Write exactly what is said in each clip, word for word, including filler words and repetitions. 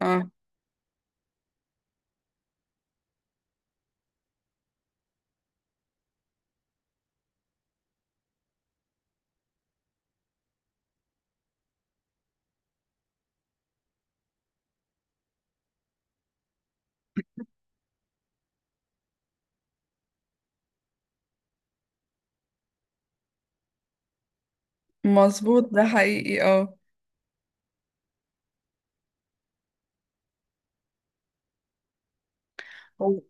اه، مظبوط ده حقيقي. اه هو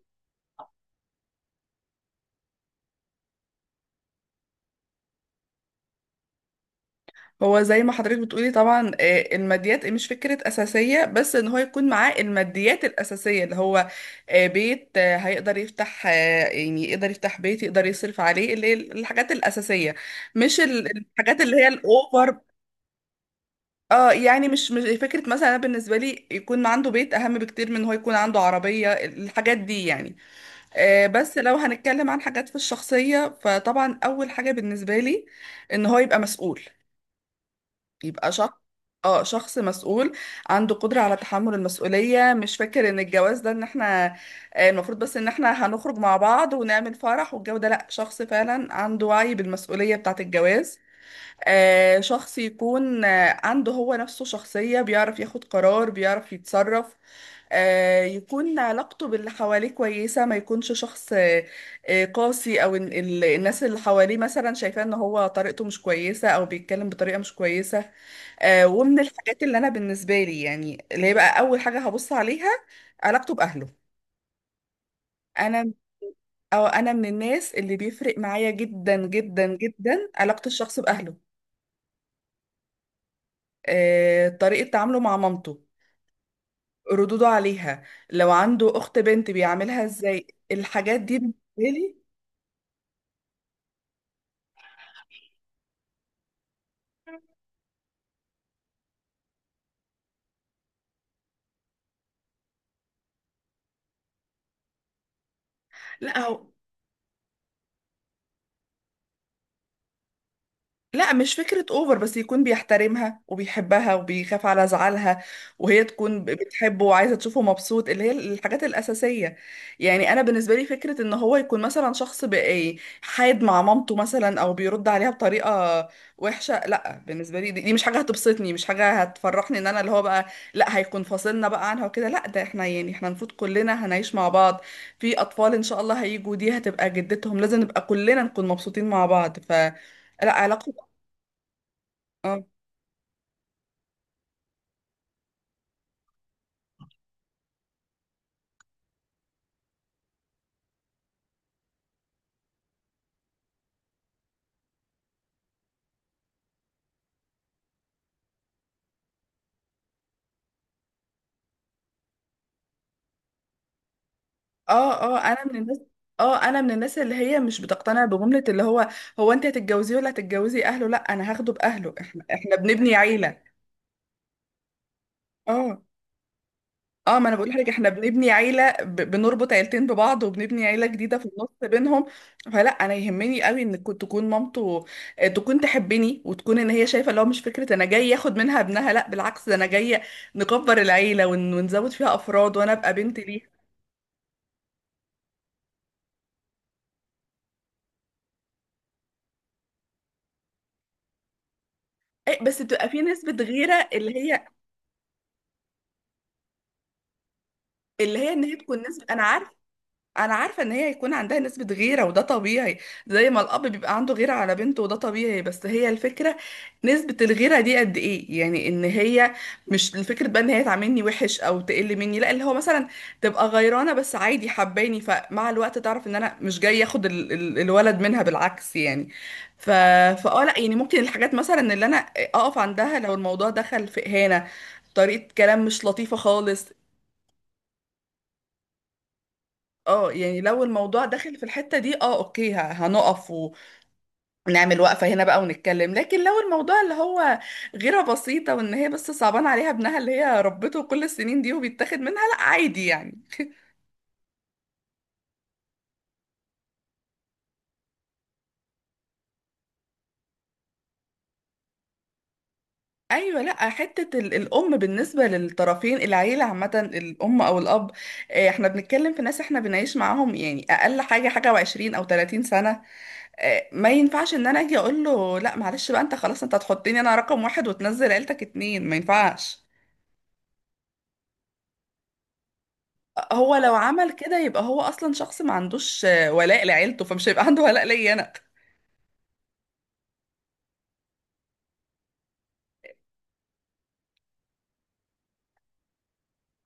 هو زي ما حضرتك بتقولي، طبعا. آه، الماديات، إيه، مش فكرة أساسية، بس إن هو يكون معاه الماديات الأساسية، اللي هو آه، بيت. آه، هيقدر يفتح، آه، يعني يقدر يفتح بيت، يقدر يصرف عليه، اللي هي الحاجات الأساسية. مش ال- الحاجات اللي هي الأوفر. اه، يعني مش مش فكرة. مثلا أنا بالنسبة لي يكون عنده بيت أهم بكتير من إن هو يكون عنده عربية الحاجات دي يعني. آه، بس لو هنتكلم عن حاجات في الشخصية، فطبعا أول حاجة بالنسبة لي إن هو يبقى مسؤول، يبقى شخص، اه، شخص مسؤول، عنده قدرة على تحمل المسؤولية. مش فاكر ان الجواز ده ان احنا آه، المفروض بس ان احنا هنخرج مع بعض ونعمل فرح والجو ده، لا، شخص فعلا عنده وعي بالمسؤولية بتاعة الجواز. آه، شخص يكون آه، عنده هو نفسه شخصية، بيعرف ياخد قرار، بيعرف يتصرف. آه، يكون علاقته باللي حواليه كويسة، ما يكونش شخص آه، آه، قاسي، أو ال- ال- الناس اللي حواليه مثلا شايفاه إن هو طريقته مش كويسة، أو بيتكلم بطريقة مش كويسة. آه، ومن الحاجات اللي أنا بالنسبة لي، يعني اللي هي بقى أول حاجة هبص عليها، علاقته بأهله. أنا أو أنا من الناس اللي بيفرق معايا جدا جدا جدا علاقة الشخص بأهله. آه، طريقة تعامله مع مامته، ردوده عليها، لو عنده أخت بنت بيعاملها ازاي، الحاجات دي بالنسبة لي. لا، هو، لا، مش فكرة اوفر، بس يكون بيحترمها وبيحبها وبيخاف على زعلها، وهي تكون ب- بتحبه وعايزة تشوفه مبسوط، اللي هي الحاجات الأساسية. يعني أنا بالنسبة لي فكرة إن هو يكون مثلا شخص بقى حاد مع مامته مثلا، أو بيرد عليها بطريقة وحشة، لا، بالنسبة لي دي, دي مش حاجة هتبسطني، مش حاجة هتفرحني. إن أنا اللي هو بقى، لا، هيكون فاصلنا بقى عنها وكده، لا، ده احنا يعني احنا المفروض كلنا هنعيش مع بعض. في أطفال إن شاء الله هيجوا، دي هتبقى جدتهم، لازم نبقى كلنا نكون مبسوطين مع بعض، ف لا علاقة. اه اه اه، انا من الناس، اه انا من الناس اللي هي مش بتقتنع بجملة اللي هو، هو انت هتتجوزيه ولا هتتجوزي اهله. لا، انا هاخده باهله، احنا احنا بنبني عيلة. اه، اه ما انا بقول لحضرتك احنا بنبني عيلة، ب... بنربط عيلتين ببعض وبنبني عيلة جديدة في النص بينهم. فلا، انا يهمني قوي ان كو- تكون مامته آه، تكون تحبني، وتكون ان هي شايفة اللي هو مش فكرة انا جاي ياخد منها ابنها. لا، بالعكس، ده انا جاية نكبر العيلة ون... ونزود فيها افراد، وانا ابقى بنت ليها. إيه، بس بتبقى في نسبة غيرة، اللي هي، اللي هي ان هي تكون نسبة. انا عارف، انا عارفة ان هي هيكون عندها نسبة غيرة، وده طبيعي، زي ما الاب بيبقى عنده غيرة على بنته وده طبيعي. بس هي الفكرة نسبة الغيرة دي قد ايه، يعني ان هي مش الفكرة بقى ان هي تعاملني وحش او تقل مني، لا، اللي هو مثلا تبقى غيرانة بس عادي، حباني، فمع الوقت تعرف ان انا مش جاي اخد ال ال الولد منها، بالعكس يعني. ف فاه لا، يعني ممكن الحاجات مثلا اللي انا اقف عندها، لو الموضوع دخل في اهانة، طريقة كلام مش لطيفة خالص، اه، يعني لو الموضوع داخل في الحتة دي، اه، اوكي، ه- هنقف ونعمل وقفة هنا بقى ونتكلم. لكن لو الموضوع اللي هو غيرة بسيطة وان هي بس صعبان عليها ابنها اللي هي ربته كل السنين دي وبيتاخد منها، لا، عادي يعني. ايوه، لا، حتة ال- الام بالنسبة للطرفين، العيلة عامة، الام او الاب، آه، احنا بنتكلم في ناس احنا بنعيش معاهم يعني اقل حاجة حاجة وعشرين او تلاتين سنة. آه، ما ينفعش ان انا اجي اقول له لا معلش بقى انت خلاص انت هتحطني انا رقم واحد وتنزل عيلتك اتنين، ما ينفعش. هو لو عمل كده يبقى هو اصلا شخص ما عندوش آه، ولاء لعيلته، فمش هيبقى عنده ولاء ليا انا.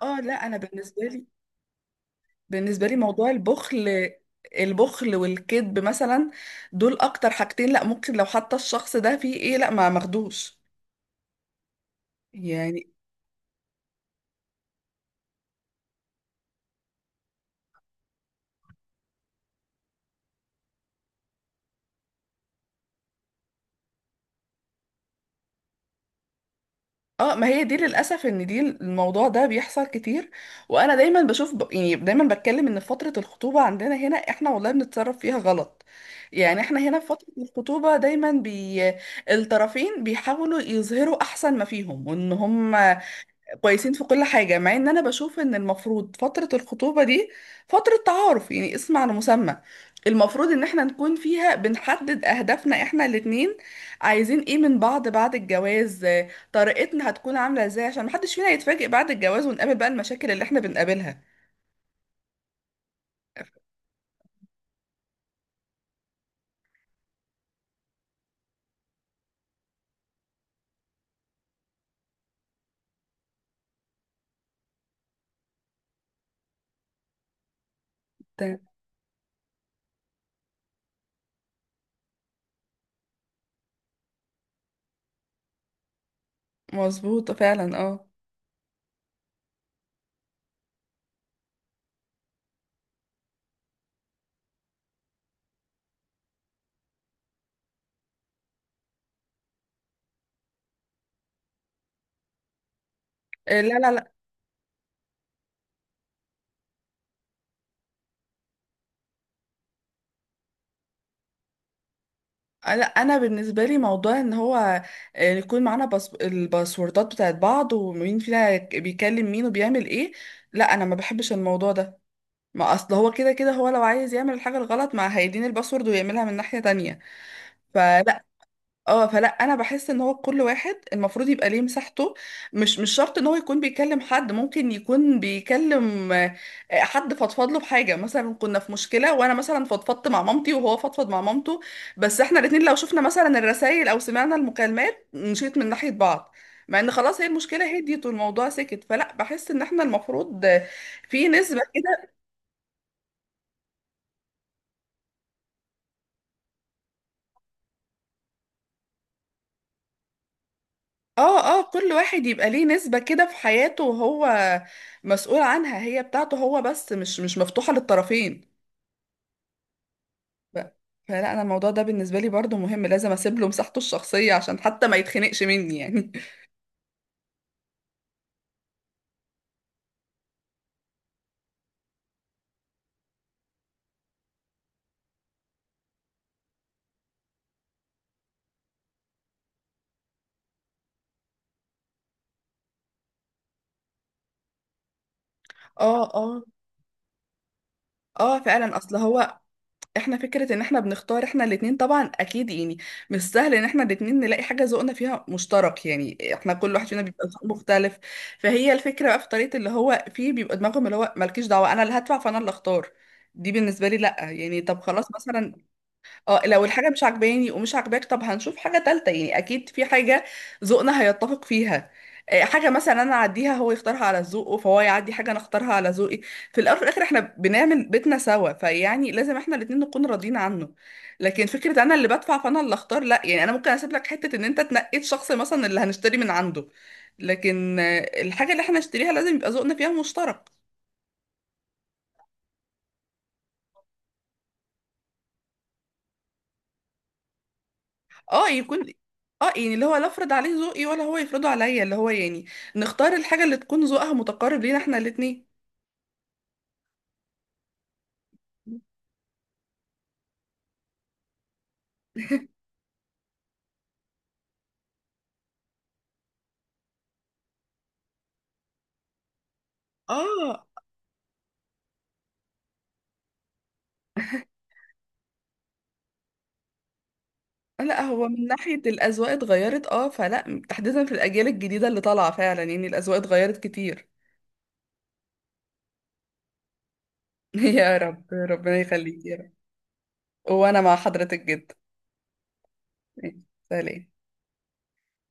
اه، لا، انا بالنسبه لي، بالنسبه لي موضوع البخل، البخل والكذب مثلا، دول اكتر حاجتين لا ممكن، لو حتى الشخص ده فيه ايه، لا، ما ماخدوش يعني. اه، ما هي دي للاسف، ان دي الموضوع ده بيحصل كتير. وانا دايما بشوف، ب... يعني دايما بتكلم ان في فتره الخطوبه عندنا هنا، احنا والله بنتصرف فيها غلط. يعني احنا هنا في فتره الخطوبه دايما بي... الطرفين بيحاولوا يظهروا احسن ما فيهم، وان هم كويسين في كل حاجة، مع ان انا بشوف ان المفروض فترة الخطوبة دي فترة تعارف، يعني اسم على مسمى، المفروض ان احنا نكون فيها بنحدد اهدافنا احنا الاتنين، عايزين ايه من بعض بعد الجواز، آه، طريقتنا هتكون عاملة ازاي، عشان محدش فينا يتفاجئ بعد الجواز ونقابل بقى المشاكل اللي احنا بنقابلها. ت- مظبوط فعلا، اه. آه، لا لا لا، انا انا بالنسبه لي موضوع ان هو آه، يكون معانا باسب- الباسوردات بتاعت بعض، ومين فينا بيكلم مين وبيعمل ايه، لا، انا ما بحبش الموضوع ده. ما اصل هو كده كده هو لو عايز يعمل الحاجه الغلط ما هيديني الباسورد ويعملها من ناحيه تانية. فلا، اه، فلا، انا بحس ان هو كل واحد المفروض يبقى ليه مساحته. مش مش شرط ان هو يكون بيكلم حد، ممكن يكون بيكلم آه، آه، حد فضفض له بحاجه. مثلا كنا في مشكله وانا مثلا فضفضت مع مامتي، وهو فضفض مع مامته، بس احنا الاتنين لو شفنا مثلا الرسائل او سمعنا المكالمات نشيط من ناحيه بعض، مع ان خلاص هي المشكله هديت والموضوع سكت. فلا بحس ان احنا المفروض آه، في نسبه. اه اه كل واحد يبقى ليه نسبة كده في حياته وهو مسؤول عنها، هي بتاعته هو بس، مش مش مفتوحة للطرفين. ف- فلا انا الموضوع ده بالنسبة لي برضو مهم، لازم اسيب له مساحته الشخصية عشان حتى ما يتخنقش مني يعني. اه اه اه فعلا، اصل هو احنا فكرة ان احنا بنختار احنا الاتنين طبعا، اكيد يعني مش سهل ان احنا الاتنين نلاقي حاجة ذوقنا فيها مشترك، يعني احنا كل واحد فينا بيبقى ذوق مختلف. فهي الفكرة بقى في طريقة اللي هو فيه بيبقى دماغهم اللي هو مالكيش دعوة، انا اللي هدفع فانا اللي اختار، دي بالنسبة لي لا يعني. طب خلاص مثلا، اه، لو الحاجة مش عجباني ومش عجباك، طب هنشوف حاجة تالتة، يعني أكيد في حاجة ذوقنا هيتفق فيها. آه، حاجة مثلا أنا أعديها هو يختارها على ذوقه، فهو يعدي حاجة أنا أختارها على ذوقي. في الأول وفي الآخر إحنا بنعمل بيتنا سوا، فيعني لازم إحنا الاتنين نكون راضيين عنه. لكن فكرة أنا اللي بدفع فأنا اللي أختار، لأ، يعني أنا ممكن أسيب لك حتة إن أنت تنقيت شخص مثلا اللي هنشتري من عنده، لكن آه، الحاجة اللي إحنا نشتريها لازم يبقى ذوقنا فيها مشترك. اه، يكون، اه، يعني اللي هو لا افرض عليه ذوقي ولا هو يفرضه عليا، اللي هو يعني نختار الحاجة اللي تكون ذوقها متقارب لينا احنا الاتنين. اه، لا، هو من ناحية الأذواق اتغيرت اه، فلا تحديدا في الأجيال الجديدة اللي طالعة فعلا يعني الأذواق اتغيرت كتير. يا رب، ربنا يخليك يا رب. وأنا مع حضرتك جدا. سلام.